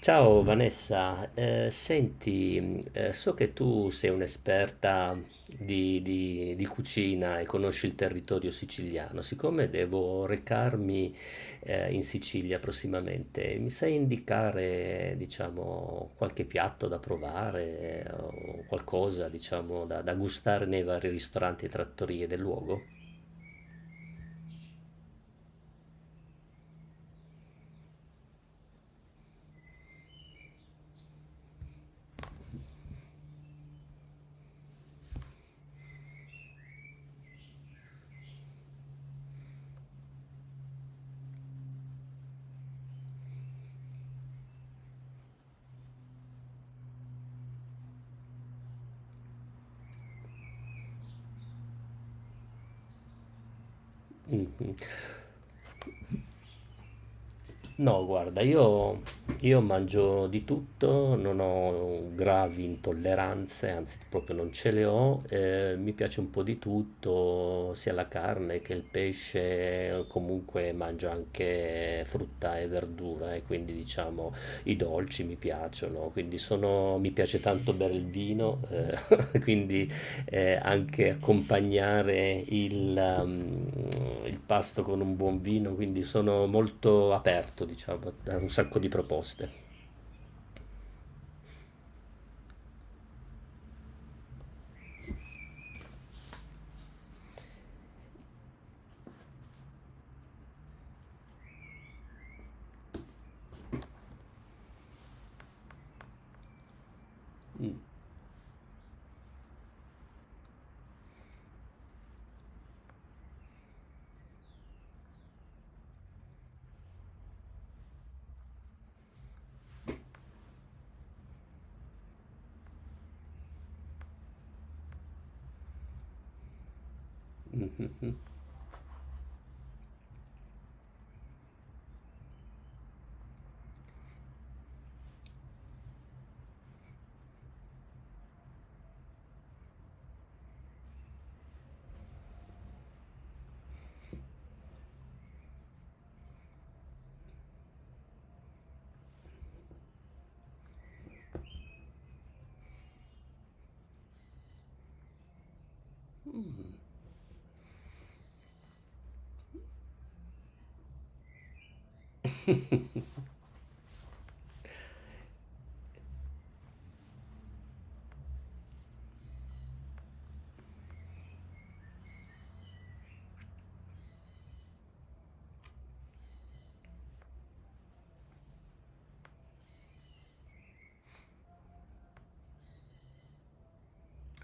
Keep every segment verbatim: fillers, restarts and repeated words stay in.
Ciao Vanessa, Eh, senti, mh, eh, so che tu sei un'esperta di, di- di cucina e conosci il territorio siciliano. Siccome devo recarmi eh, in Sicilia prossimamente, mi sai indicare, diciamo, qualche piatto da provare eh, o qualcosa, diciamo, da, da gustare nei vari ristoranti e trattorie del luogo? Mhm. No, guarda, io, io mangio di tutto, non ho gravi intolleranze, anzi proprio non ce le ho, eh, mi piace un po' di tutto, sia la carne che il pesce, comunque mangio anche frutta e verdura e quindi diciamo i dolci mi piacciono, quindi sono, mi piace tanto bere il vino, eh, quindi eh, anche accompagnare il, um, il pasto con un buon vino, quindi sono molto aperto, diciamo, a un sacco di proposte. Mm, mhm. Mm.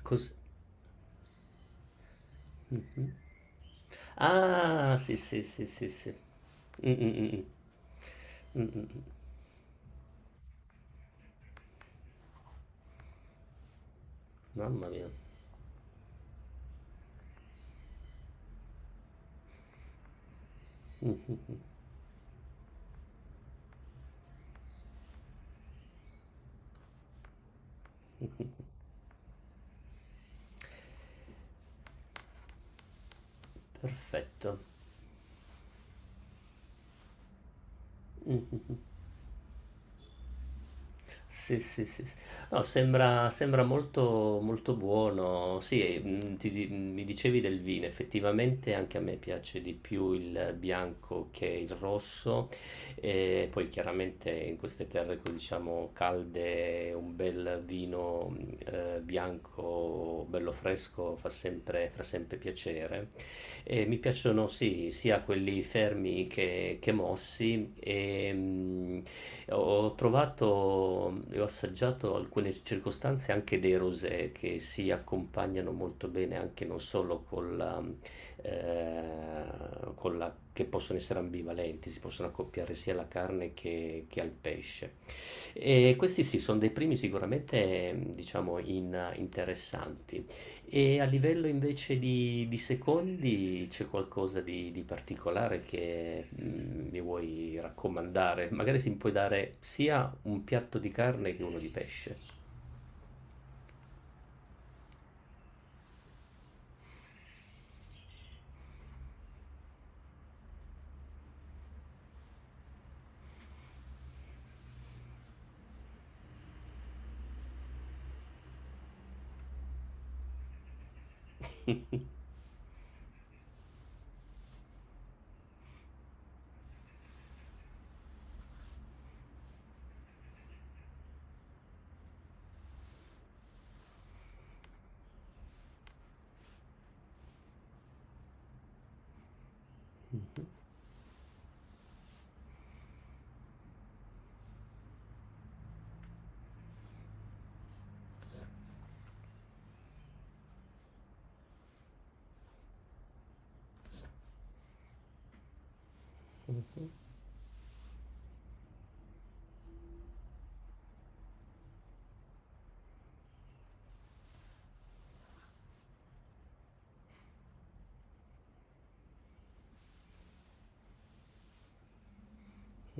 Cos- mhm. Ah, sì, sì, sì, sì, sì. Mm, mm, mm, mm. Mm, mm, mm. Mamma mia. Mm. Perfetto. Mm. Sì, sì, sì, sì. No, sembra, sembra molto, molto buono. Sì, e, mm, ti di- mm, mi dicevi del vino, effettivamente anche a me piace di più il bianco che il rosso. E poi chiaramente in queste terre, diciamo, calde, un bel vino mm, eh, bianco, bello fresco, fa sempre, fa sempre piacere. Eh, mi piacciono sì, sia quelli fermi che, che mossi. E, mm, ho trovato e ho assaggiato alcune circostanze anche dei rosé che si accompagnano molto bene anche non solo con la, eh, con la- che possono essere ambivalenti, si possono accoppiare sia alla carne che, che al pesce. E questi sì, sono dei primi sicuramente, mm, diciamo, in- interessanti. E a livello invece di, di secondi c'è qualcosa di, di particolare che mm, mi vuoi raccomandare? Magari si puoi dare sia un piatto di carne che uno di pesce.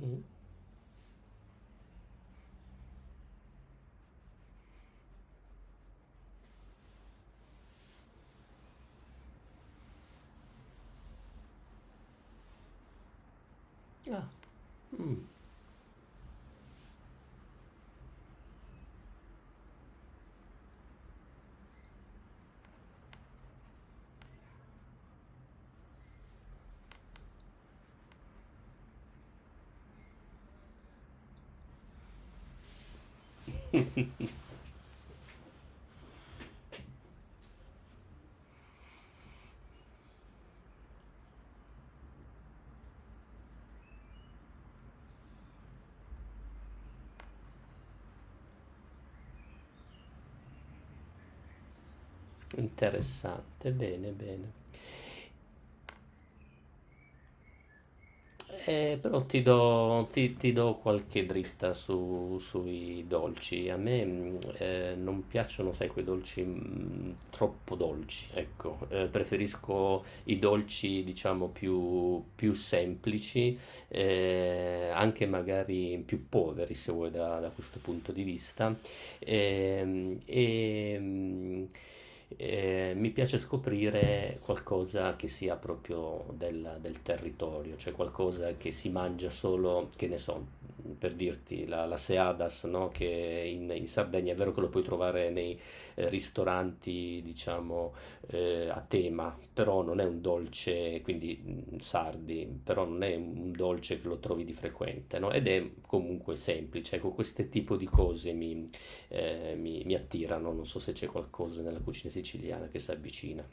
Mm. Ah, mm, interessante, bene, bene. Eh, però ti do, ti- ti do qualche dritta su- sui dolci. A me mh, eh, non piacciono, sai, quei dolci mh, troppo dolci, ecco. Eh, preferisco i dolci, diciamo, più, più semplici, eh, anche magari più poveri, se vuoi, da, da questo punto di vista. Ehm, e, eh, Mi piace scoprire qualcosa che sia proprio del, del territorio, cioè qualcosa che si mangia solo, che ne so, per dirti, la, la seadas, no? Che in, in Sardegna è vero che lo puoi trovare nei eh, ristoranti, diciamo, eh, a tema, però non è un dolce, quindi mm, sardi, però non è un dolce che lo trovi di frequente, no? Ed è comunque semplice, ecco, questo tipo di cose mi eh, mi, mi attirano. Non so se c'è qualcosa nella cucina siciliana che si avvicina.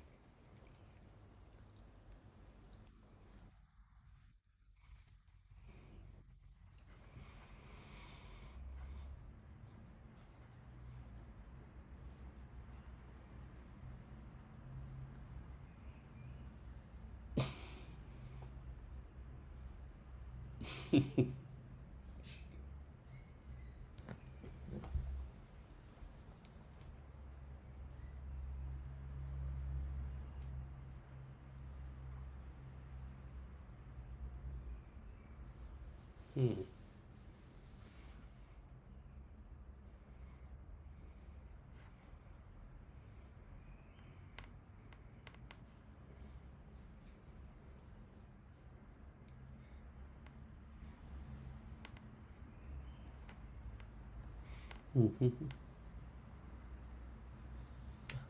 Mhm.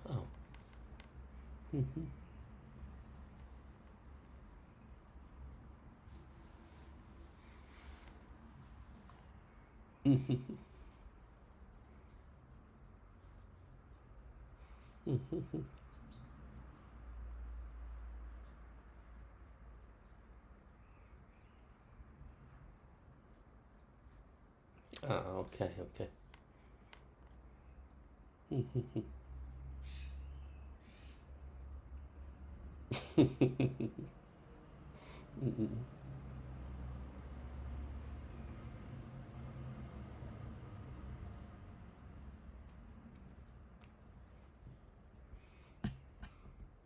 Ah, ah, ok, ok.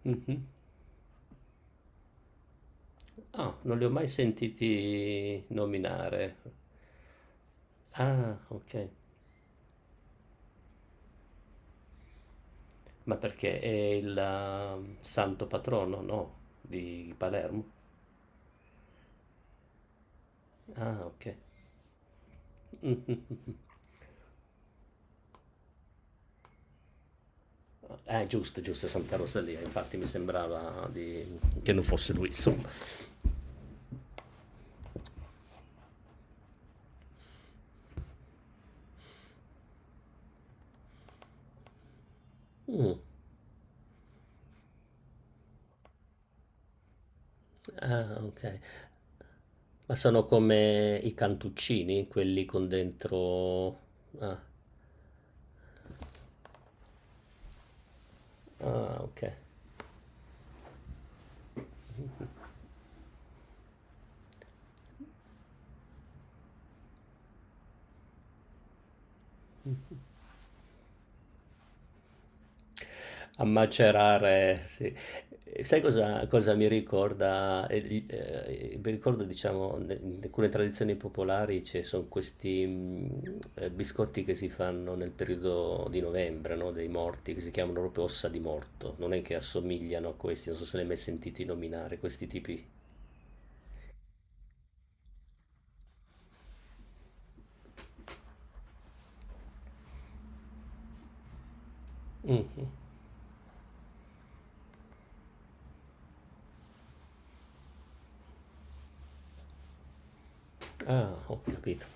Mhm. Ah, non li ho mai sentiti nominare. Ah, ok. Ma perché è il um, santo patrono, no? Di Palermo? Ah, ok. Mhm. Ah, giusto, giusto, Santa Rosalia. Infatti mi sembrava di- che non fosse lui, insomma. Mm. Ah, ok. Ma sono come i cantuccini, quelli con dentro... Ah, ah, ok. A macerare, sì. E sai cosa, cosa mi ricorda? Eh, gli- eh, mi ricordo, diciamo, ne- in alcune tradizioni popolari ci sono questi mh, eh, biscotti che si fanno nel periodo di novembre, no? Dei morti, che si chiamano proprio ossa di morto. Non è che assomigliano a questi, non so se ne hai mai sentito nominare, questi tipi. Mm, mm. Ah, ho capito.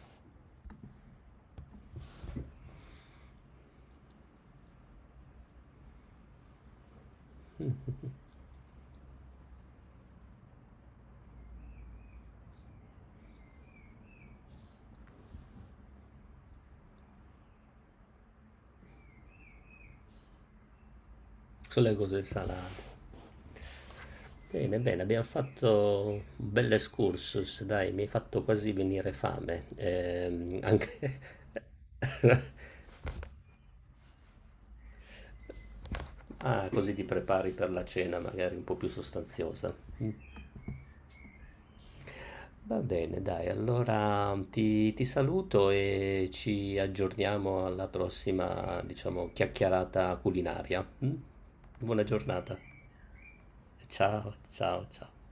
Sulle cose salate. Bene, bene, abbiamo fatto un bel excursus, dai, mi hai fatto quasi venire fame. Ehm, anche... Ah, così ti prepari per la cena magari un po' più sostanziosa. Va bene, dai, allora ti, ti saluto e ci aggiorniamo alla prossima, diciamo, chiacchierata culinaria. Mm? Buona giornata. Ciao, ciao, ciao.